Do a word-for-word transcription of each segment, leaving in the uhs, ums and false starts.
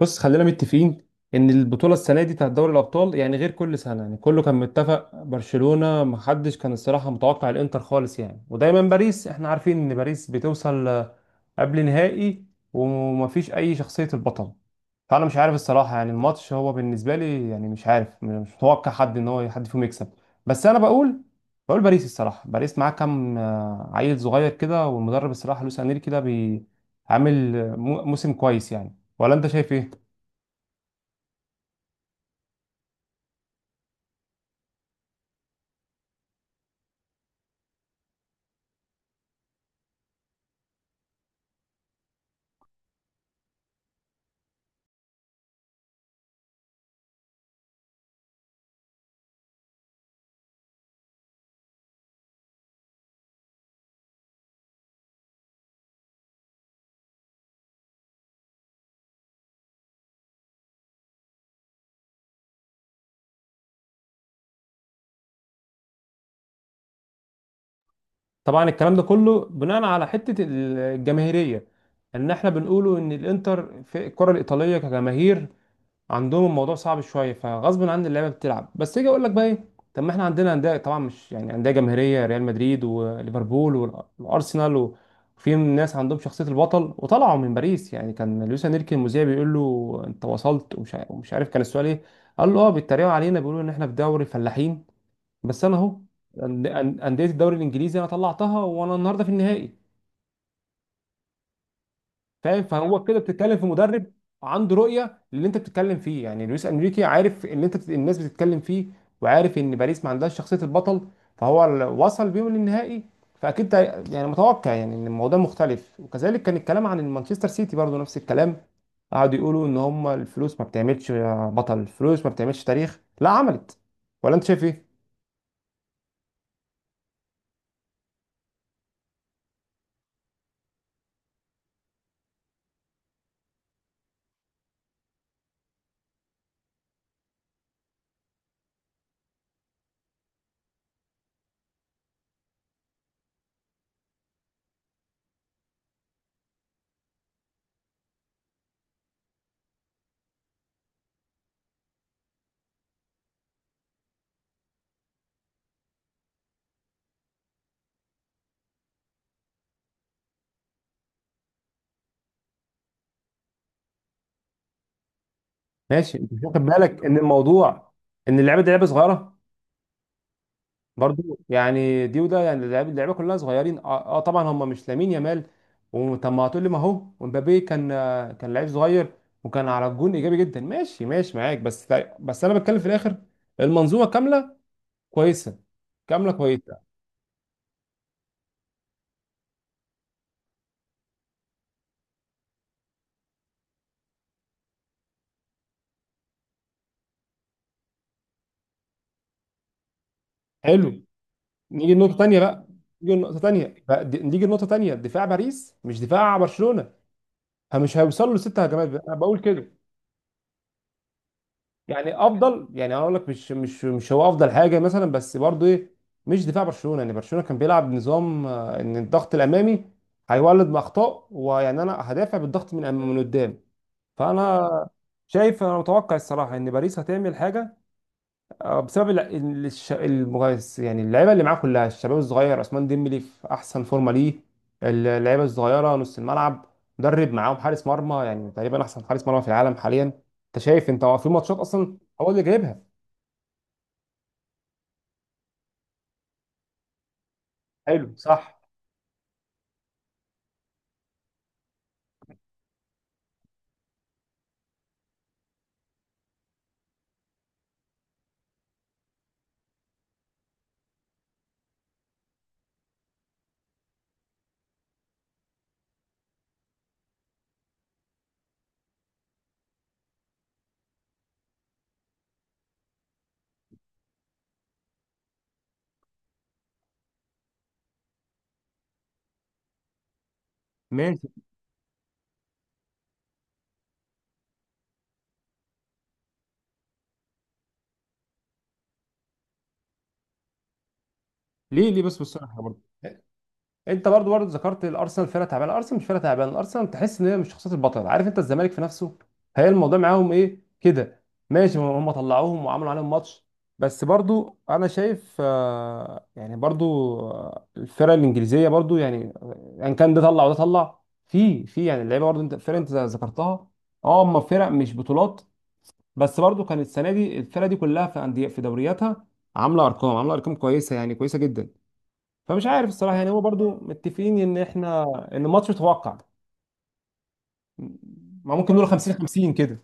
بص، خلينا متفقين ان البطوله السنه دي بتاعت دوري الابطال. يعني غير كل سنه، يعني كله كان متفق برشلونه. ما حدش كان الصراحه متوقع الانتر خالص يعني. ودايما باريس احنا عارفين ان باريس بتوصل آه، قبل نهائي، ومفيش اي شخصيه البطل. فانا مش عارف الصراحه، يعني الماتش هو بالنسبه لي يعني مش عارف، مش متوقع حد ان هو حد فيهم يكسب. بس انا بقول بقول باريس. الصراحه باريس معاه كام آه، عيل صغير كده، والمدرب الصراحه لويس انريكي ده بي- عامل آه، مو- موسم كويس يعني. ولا انت شايف ايه؟ طبعا الكلام ده كله بناء على حته الجماهيريه، ان احنا بنقوله ان الانتر في الكره الايطاليه كجماهير عندهم الموضوع صعب شويه، فغصب عن اللعيبه بتلعب. بس اجي اقول لك بقى ايه؟ طب ما احنا عندنا انديه، طبعا مش يعني انديه جماهيريه، ريال مدريد وليفربول وال- والارسنال، وفي ناس عندهم شخصيه البطل، وطلعوا من باريس. يعني كان لويس انريكي، المذيع بيقول له انت وصلت، ومش ع- ومش عارف كان السؤال ايه. قال له اه بيتريقوا علينا بيقولوا ان احنا في دوري الفلاحين، بس انا اهو، أن- أن- انديه الدوري الانجليزي انا طلعتها، وانا النهارده في النهائي. فاهم؟ فهو كده بتتكلم في مدرب عنده رؤيه للي انت بتتكلم فيه. يعني لويس انريكي عارف اللي انت بت... الناس بتتكلم فيه، وعارف ان باريس ما عندهاش شخصيه البطل، فهو ال- وصل بيهم للنهائي. فاكيد ده يعني متوقع، يعني ان الموضوع مختلف. وكذلك كان الكلام عن المانشستر سيتي، برضو نفس الكلام، قعدوا يقولوا ان هم الفلوس ما بتعملش بطل، الفلوس ما بتعملش تاريخ. لا، عملت. ولا انت شايف ايه؟ ماشي، انت مش واخد بالك ان الموضوع، ان اللعبه دي لعبه صغيره برضو يعني؟ دي وده يعني، اللعبه اللعبه كلها صغيرين اه, آه طبعا. هم مش لامين يامال. وطب ما هتقول لي، ما هو ومبابي كان آه، كان لعيب صغير، وكان على الجون ايجابي جدا. ماشي ماشي معاك، بس بس انا بتكلم في الاخر، المنظومه كامله كويسه، كامله كويسه. حلو. نيجي لنقطه تانيه بقى. نيجي لنقطه تانيه بقى- دي- نيجي لنقطه تانيه: دفاع باريس مش دفاع برشلونه، فمش هيوصلوا لست هجمات بقى. انا بقول كده. يعني افضل، يعني هقول لك مش مش مش هو افضل حاجه مثلا، بس برضو ايه؟ مش دفاع برشلونه. يعني برشلونه كان بيلعب نظام آه، ان الضغط الامامي هيولد باخطاء. ويعني انا هدافع بالضغط من أم- من قدام. فانا شايف، انا متوقع الصراحه ان باريس هتعمل حاجه، آه، بسبب الع- ال- الش- المغيس، يعني اللعيبه اللي معاه كلها الشباب الصغير، عثمان ديمبلي في احسن فورمه ليه، ال- اللعيبه الصغيره نص الملعب، مدرب معاهم، حارس مرمى يعني تقريبا احسن حارس مرمى في العالم حاليا. انت شايف؟ انت هو في ماتشات اصلا هو اللي جايبها. حلو، صح، ماشي. ليه ليه بس بالصراحه برضه، انت برضو برضو ذكرت الارسنال فرقه تعبانه. الارسنال مش فرقه تعبانه، الارسنال تحس ان هي مش شخصيه البطل، عارف انت الزمالك في نفسه. هي الموضوع معاهم ايه كده؟ ماشي، هم هم طلعوهم وعملوا عليهم ماتش، بس برضو انا شايف آه، يعني برضو آه، الفرق الانجليزيه برضو يعني آه، ان كان ده طلع وده طلع. في في يعني اللعيبه برضو، انت الفرق انت ذكرتها، اه، هم فرق مش بطولات. بس برضو كانت السنه دي الفرق دي كلها في انديه في دورياتها عامله ارقام، عامله ارقام كويسه، يعني كويسه جدا. فمش عارف الصراحه. يعني هو برضو متفقين ان احنا ان الماتش متوقع. ما ممكن نقول خمسين خمسين كده.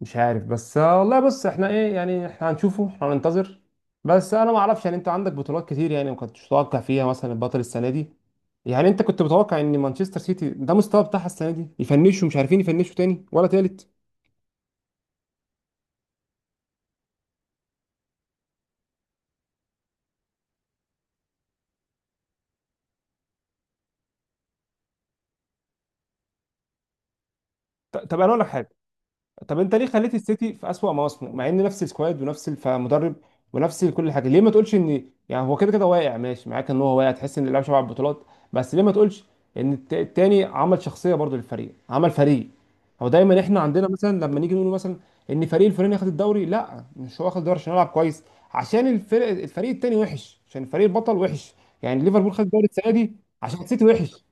مش عارف، بس آه، والله. بص، احنا ايه يعني، احنا هنشوفه، احنا هننتظر. بس انا ما اعرفش. يعني انت عندك بطولات كتير يعني ما كنتش متوقع فيها مثلا البطل السنه دي. يعني انت كنت متوقع ان مانشستر سيتي ده مستوى بتاعها السنه دي؟ يفنشوا، مش عارفين يفنشوا تاني ولا تالت. ط- طب انا اقول لك حاجه. طب انت ليه خليت السيتي في اسوأ مواسمه، مع ان نفس السكواد، ونفس الف- مدرب، ونفس كل حاجه؟ ليه ما تقولش ان يعني هو كده كده واقع؟ ماشي معاك ان هو واقع، تحس ان اللاعب شبع على البطولات، بس ليه ما تقولش ان الت- التاني عمل شخصيه برضو للفريق، عمل فريق؟ هو دايما احنا عندنا مثلا لما نيجي نقول مثلا ان فريق الفلاني اخد الدوري، لا، مش هو اخد الدوري عشان يلعب كويس، عشان الفرق، الفريق التاني وحش، عشان الفريق البطل وحش. يعني ليفربول خد الدوري السنه دي عشان السيتي وحش.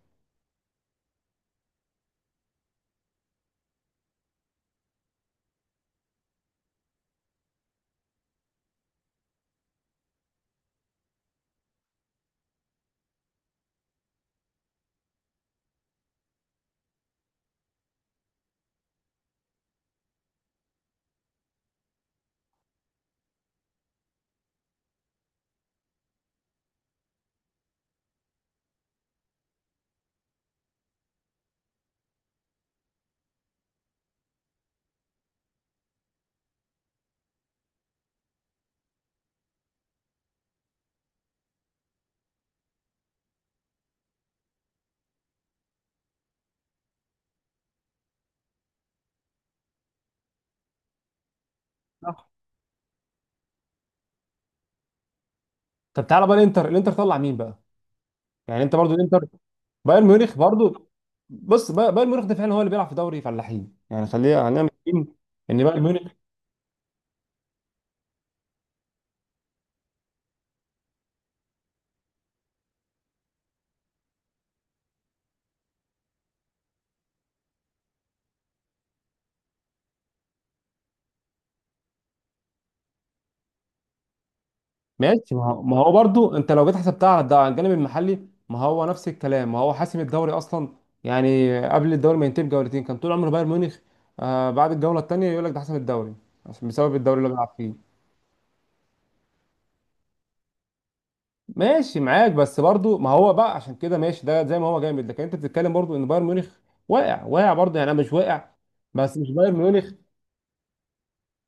صح. طب تعالى بقى الانتر الانتر طلع مين بقى؟ يعني انت برضو الانتر بايرن ميونخ برضو. بص، با- بايرن ميونخ ده فعلا هو اللي بيلعب في دوري فلاحين. يعني خلينا خلينا متفقين ان بايرن ميونخ ماشي. ما هو ما هو برضو، انت لو جيت حسبتها على الد- على الجانب المحلي، ما هو نفس الكلام. ما هو حاسم الدوري اصلا. يعني قبل الدوري ما ينتهي بجولتين كان طول عمر بايرن ميونخ آه بعد الجوله الثانيه يقول لك ده حسم الدوري، عشان بسبب الدوري اللي بيلعب فيه. ماشي معاك. بس برضو ما هو بقى عشان كده ماشي، ده زي ما هو جامد. لكن انت بتتكلم برضو ان بايرن ميونخ واقع، واقع برضو يعني. انا مش واقع، بس مش بايرن ميونخ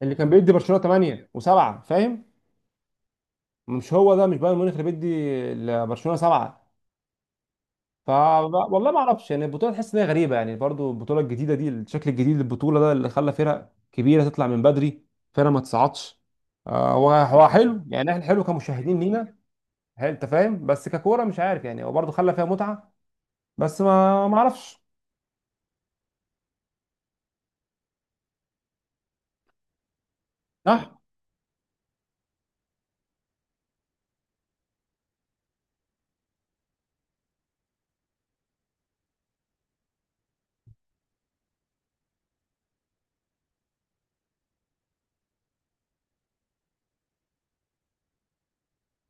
اللي كان بيدي برشلونه تمانية و7. فاهم؟ مش هو ده مش بايرن ميونخ اللي بيدي لبرشلونه سبعة. ف، والله ما اعرفش. يعني البطوله تحس ان هي غريبه، يعني برضو البطوله الجديده دي، الشكل الجديد للبطوله ده اللي خلى فرق كبيره تطلع من بدري، فرق ما تصعدش. آه، هو هو حلو يعني، احنا حلو كمشاهدين لينا. هل انت فاهم؟ بس ككوره مش عارف يعني، هو برضو خلى فيها متعه. بس ما ما اعرفش. صح.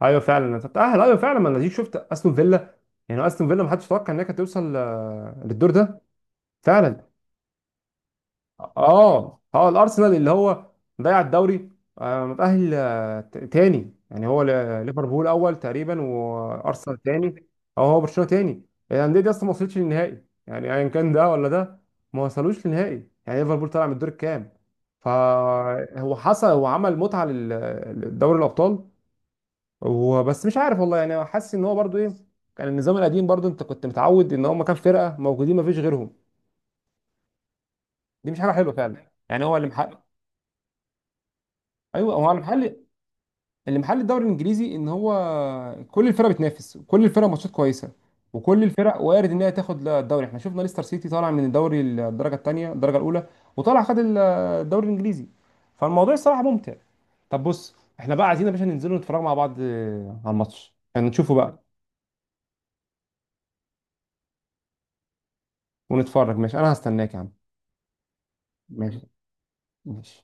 ايوه فعلا أنا تتاهل. ايوه فعلا، ما انا دي شفت استون فيلا. يعني استون فيلا ما حدش يتوقع انها كانت توصل آه، للدور ده فعلا. اه اه الارسنال اللي هو ضيع الدوري، آه، متاهل آه، ت- تاني. يعني هو ل- ليفربول اول تقريبا وارسنال تاني، او هو برشلونه تاني. الانديه دي اصلا ما وصلتش للنهائي، يعني ايا كان ده ولا ده ما وصلوش للنهائي. يعني ليفربول طلع من الدور الكام. فهو حصل، هو عمل متعه لل- لدوري الابطال وبس. مش عارف والله يعني، حاسس ان هو برضو ايه. كان النظام القديم برضو انت كنت متعود ان هم كام فرقه موجودين ما فيش غيرهم. دي مش حاجه حلوه فعلا يعني. هو اللي محقق. ايوه هو المحل، اللي محل الدوري الانجليزي ان هو كل الفرق بتنافس كل الفرق، ماتشات كويسه، وكل الفرق وارد ان هي تاخد لا الدوري. احنا شفنا ليستر سيتي طالع من الدوري الدرجه الثانيه الدرجه الاولى، وطالع خد ال- الدوري الانجليزي. فالموضوع الصراحه ممتع. طب بص، احنا بقى عايزين يا باشا ننزل نتفرج مع بعض آه، على الماتش، يعني نشوفه بقى ونتفرج. ماشي، انا هستناك يا عم. ماشي ماشي.